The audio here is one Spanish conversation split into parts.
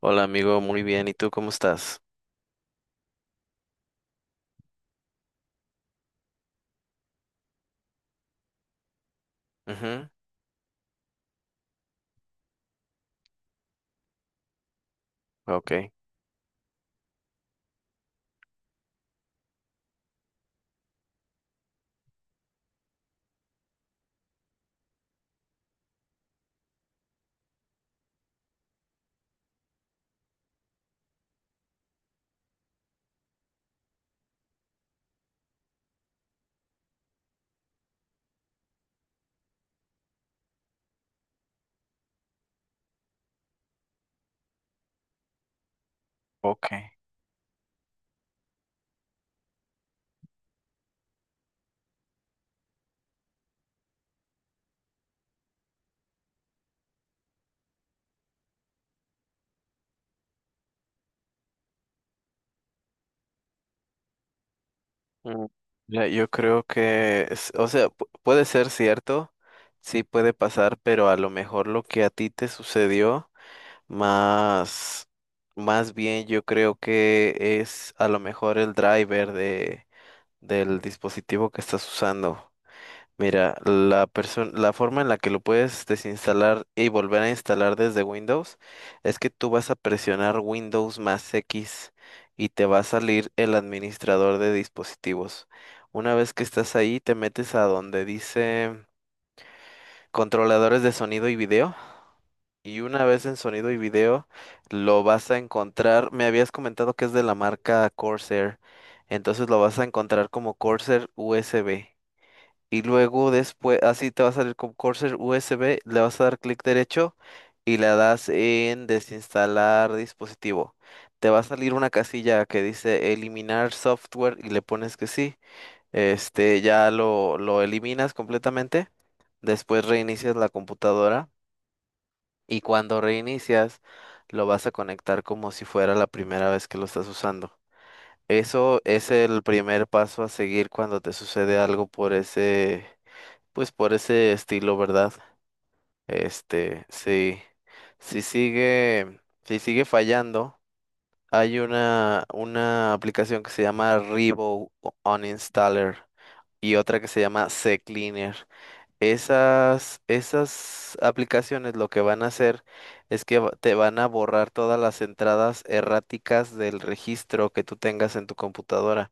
Hola amigo, muy bien. ¿Y tú cómo estás? Ujú. Ok. Ok. Mm, mira, yo creo que, puede ser cierto, sí puede pasar, pero a lo mejor lo que a ti te sucedió, más, más bien yo creo que es a lo mejor el driver del dispositivo que estás usando. Mira, la forma en la que lo puedes desinstalar y volver a instalar desde Windows es que tú vas a presionar Windows más X y te va a salir el administrador de dispositivos. Una vez que estás ahí, te metes a donde dice controladores de sonido y video. Y una vez en sonido y video, lo vas a encontrar. Me habías comentado que es de la marca Corsair. Entonces lo vas a encontrar como Corsair USB. Y luego después, así te va a salir con Corsair USB, le vas a dar clic derecho y le das en desinstalar dispositivo. Te va a salir una casilla que dice eliminar software y le pones que sí. Este, ya lo eliminas completamente. Después reinicias la computadora y cuando reinicias lo vas a conectar como si fuera la primera vez que lo estás usando. Eso es el primer paso a seguir cuando te sucede algo por ese pues por ese estilo, ¿verdad? Este, sí, si sigue fallando, hay una aplicación que se llama Revo Uninstaller y otra que se llama CCleaner. Esas aplicaciones lo que van a hacer es que te van a borrar todas las entradas erráticas del registro que tú tengas en tu computadora.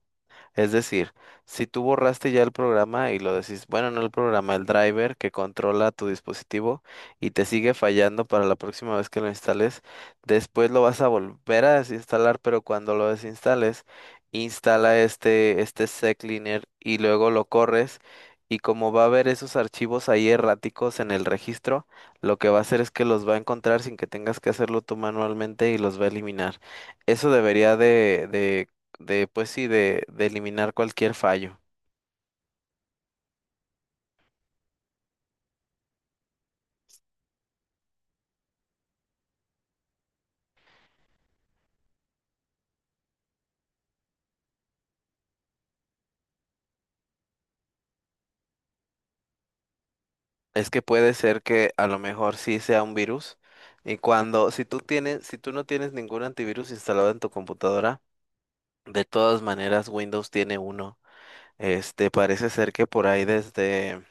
Es decir, si tú borraste ya el programa y lo decís, bueno, no el programa, el driver que controla tu dispositivo y te sigue fallando para la próxima vez que lo instales, después lo vas a volver a desinstalar, pero cuando lo desinstales, instala este sec cleaner y luego lo corres. Y como va a haber esos archivos ahí erráticos en el registro, lo que va a hacer es que los va a encontrar sin que tengas que hacerlo tú manualmente y los va a eliminar. Eso debería de pues sí, de eliminar cualquier fallo. Es que puede ser que a lo mejor sí sea un virus y si tú tienes, si tú no tienes ningún antivirus instalado en tu computadora, de todas maneras Windows tiene uno. Este, parece ser que por ahí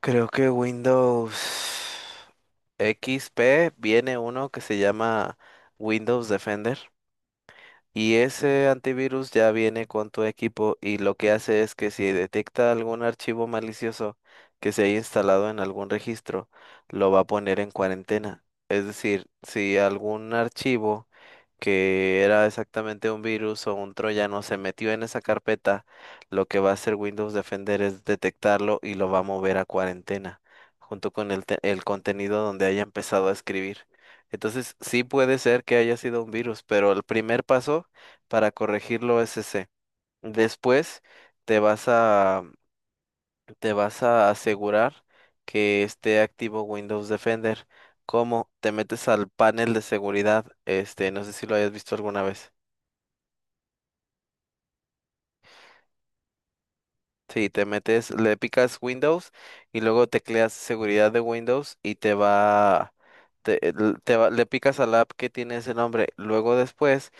creo que Windows XP viene uno que se llama Windows Defender. Y ese antivirus ya viene con tu equipo y lo que hace es que si detecta algún archivo malicioso que se haya instalado en algún registro, lo va a poner en cuarentena. Es decir, si algún archivo que era exactamente un virus o un troyano se metió en esa carpeta, lo que va a hacer Windows Defender es detectarlo y lo va a mover a cuarentena, junto con el contenido donde haya empezado a escribir. Entonces, sí puede ser que haya sido un virus, pero el primer paso para corregirlo C. Después te vas a te vas a asegurar que esté activo Windows Defender. ¿Cómo? Te metes al panel de seguridad, este, no sé si lo hayas visto alguna vez. Sí, te metes, le picas Windows y luego tecleas seguridad de Windows y te, l- te va, le picas a la app que tiene ese nombre. Luego después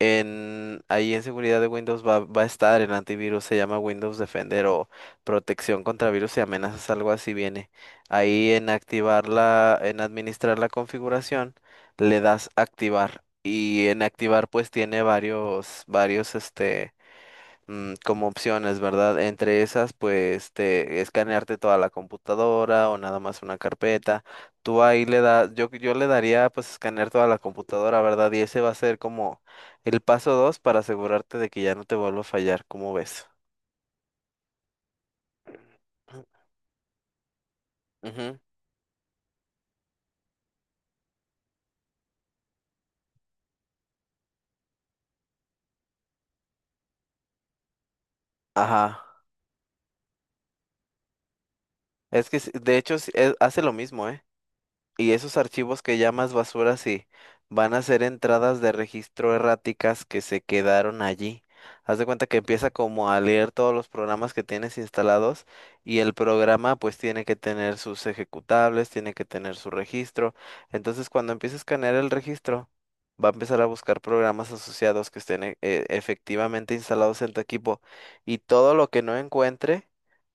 Ahí en seguridad de Windows va a estar el antivirus, se llama Windows Defender o protección contra virus y amenazas, algo así viene. Ahí en en administrar la configuración, le das activar. Y en activar pues tiene varios este mm, como opciones, ¿verdad? Entre esas, pues, te escanearte toda la computadora o nada más una carpeta. Tú ahí le das, yo le daría, pues, escanear toda la computadora, ¿verdad? Y ese va a ser como el paso dos para asegurarte de que ya no te vuelva a fallar, ¿cómo ves? Ujú. Ajá. Es que, sí, de hecho, sí, hace lo mismo, ¿eh? Y esos archivos que llamas basura, sí, van a ser entradas de registro erráticas que se quedaron allí. Haz de cuenta que empieza como a leer todos los programas que tienes instalados y el programa pues tiene que tener sus ejecutables, tiene que tener su registro. Entonces cuando empiece a escanear el registro, va a empezar a buscar programas asociados que estén efectivamente instalados en tu equipo y todo lo que no encuentre,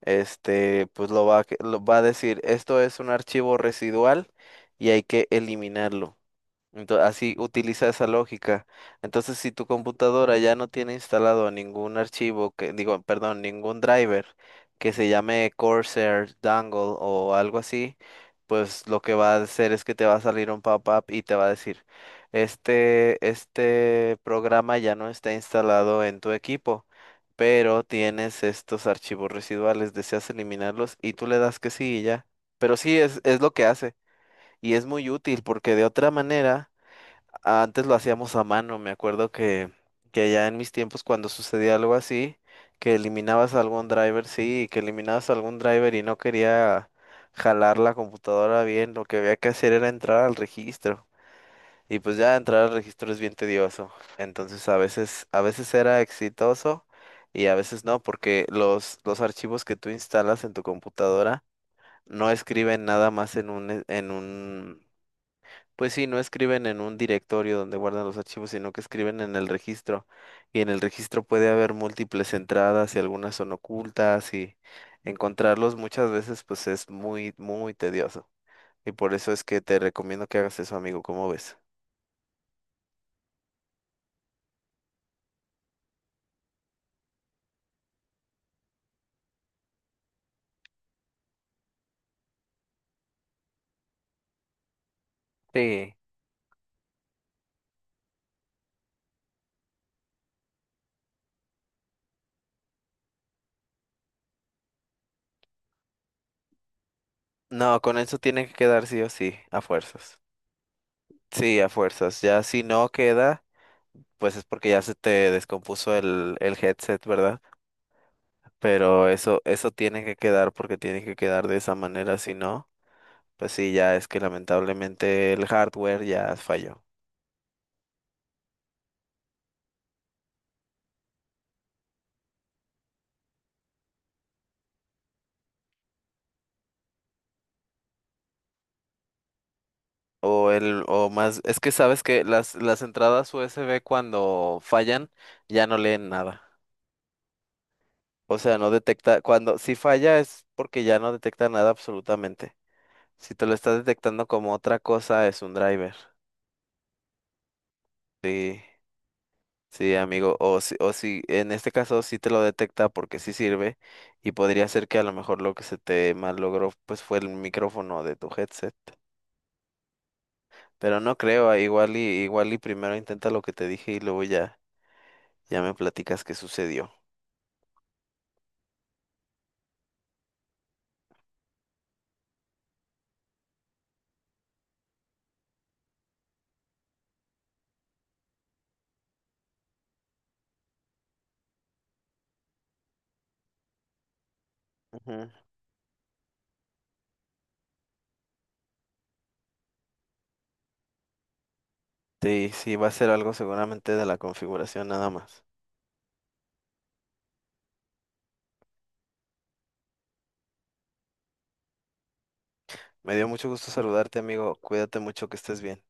este, pues lo va a decir, esto es un archivo residual y hay que eliminarlo. Entonces, así utiliza esa lógica. Entonces, si tu computadora ya no tiene instalado ningún archivo que, digo, perdón, ningún driver que se llame Corsair, Dangle o algo así, pues lo que va a hacer es que te va a salir un pop-up y te va a decir, este programa ya no está instalado en tu equipo. Pero tienes estos archivos residuales, deseas eliminarlos y tú le das que sí y ya. Pero sí, es lo que hace. Y es muy útil porque de otra manera, antes lo hacíamos a mano. Me acuerdo que ya en mis tiempos cuando sucedía algo así, que eliminabas algún driver, sí, que eliminabas algún driver y no quería jalar la computadora bien, lo que había que hacer era entrar al registro. Y pues ya entrar al registro es bien tedioso. Entonces a veces era exitoso y a veces no, porque los archivos que tú instalas en tu computadora no escriben nada más en un pues sí, no escriben en un directorio donde guardan los archivos, sino que escriben en el registro. Y en el registro puede haber múltiples entradas y algunas son ocultas y encontrarlos muchas veces pues es muy tedioso. Y por eso es que te recomiendo que hagas eso, amigo, ¿cómo ves? Sí. No, con eso tiene que quedar sí o sí, a fuerzas. Sí, a fuerzas. Ya si no queda, pues es porque ya se te descompuso el headset, ¿verdad? Pero eso tiene que quedar porque tiene que quedar de esa manera, si no. Pues sí, ya es que lamentablemente el hardware ya falló. O el, o más, es que sabes que las entradas USB cuando fallan ya no leen nada. O sea, no detecta, cuando si falla es porque ya no detecta nada absolutamente. Si te lo está detectando como otra cosa, es un driver. Sí, sí, amigo. O si, en este caso sí te lo detecta porque sí sirve. Y podría ser que a lo mejor lo que se te mal logró pues fue el micrófono de tu headset. Pero no creo, ah, igual y primero intenta lo que te dije y luego ya, ya me platicas qué sucedió. Ujú. Sí, sí, va a ser algo seguramente de la configuración nada más. Me dio mucho gusto saludarte, amigo. Cuídate mucho, que estés bien.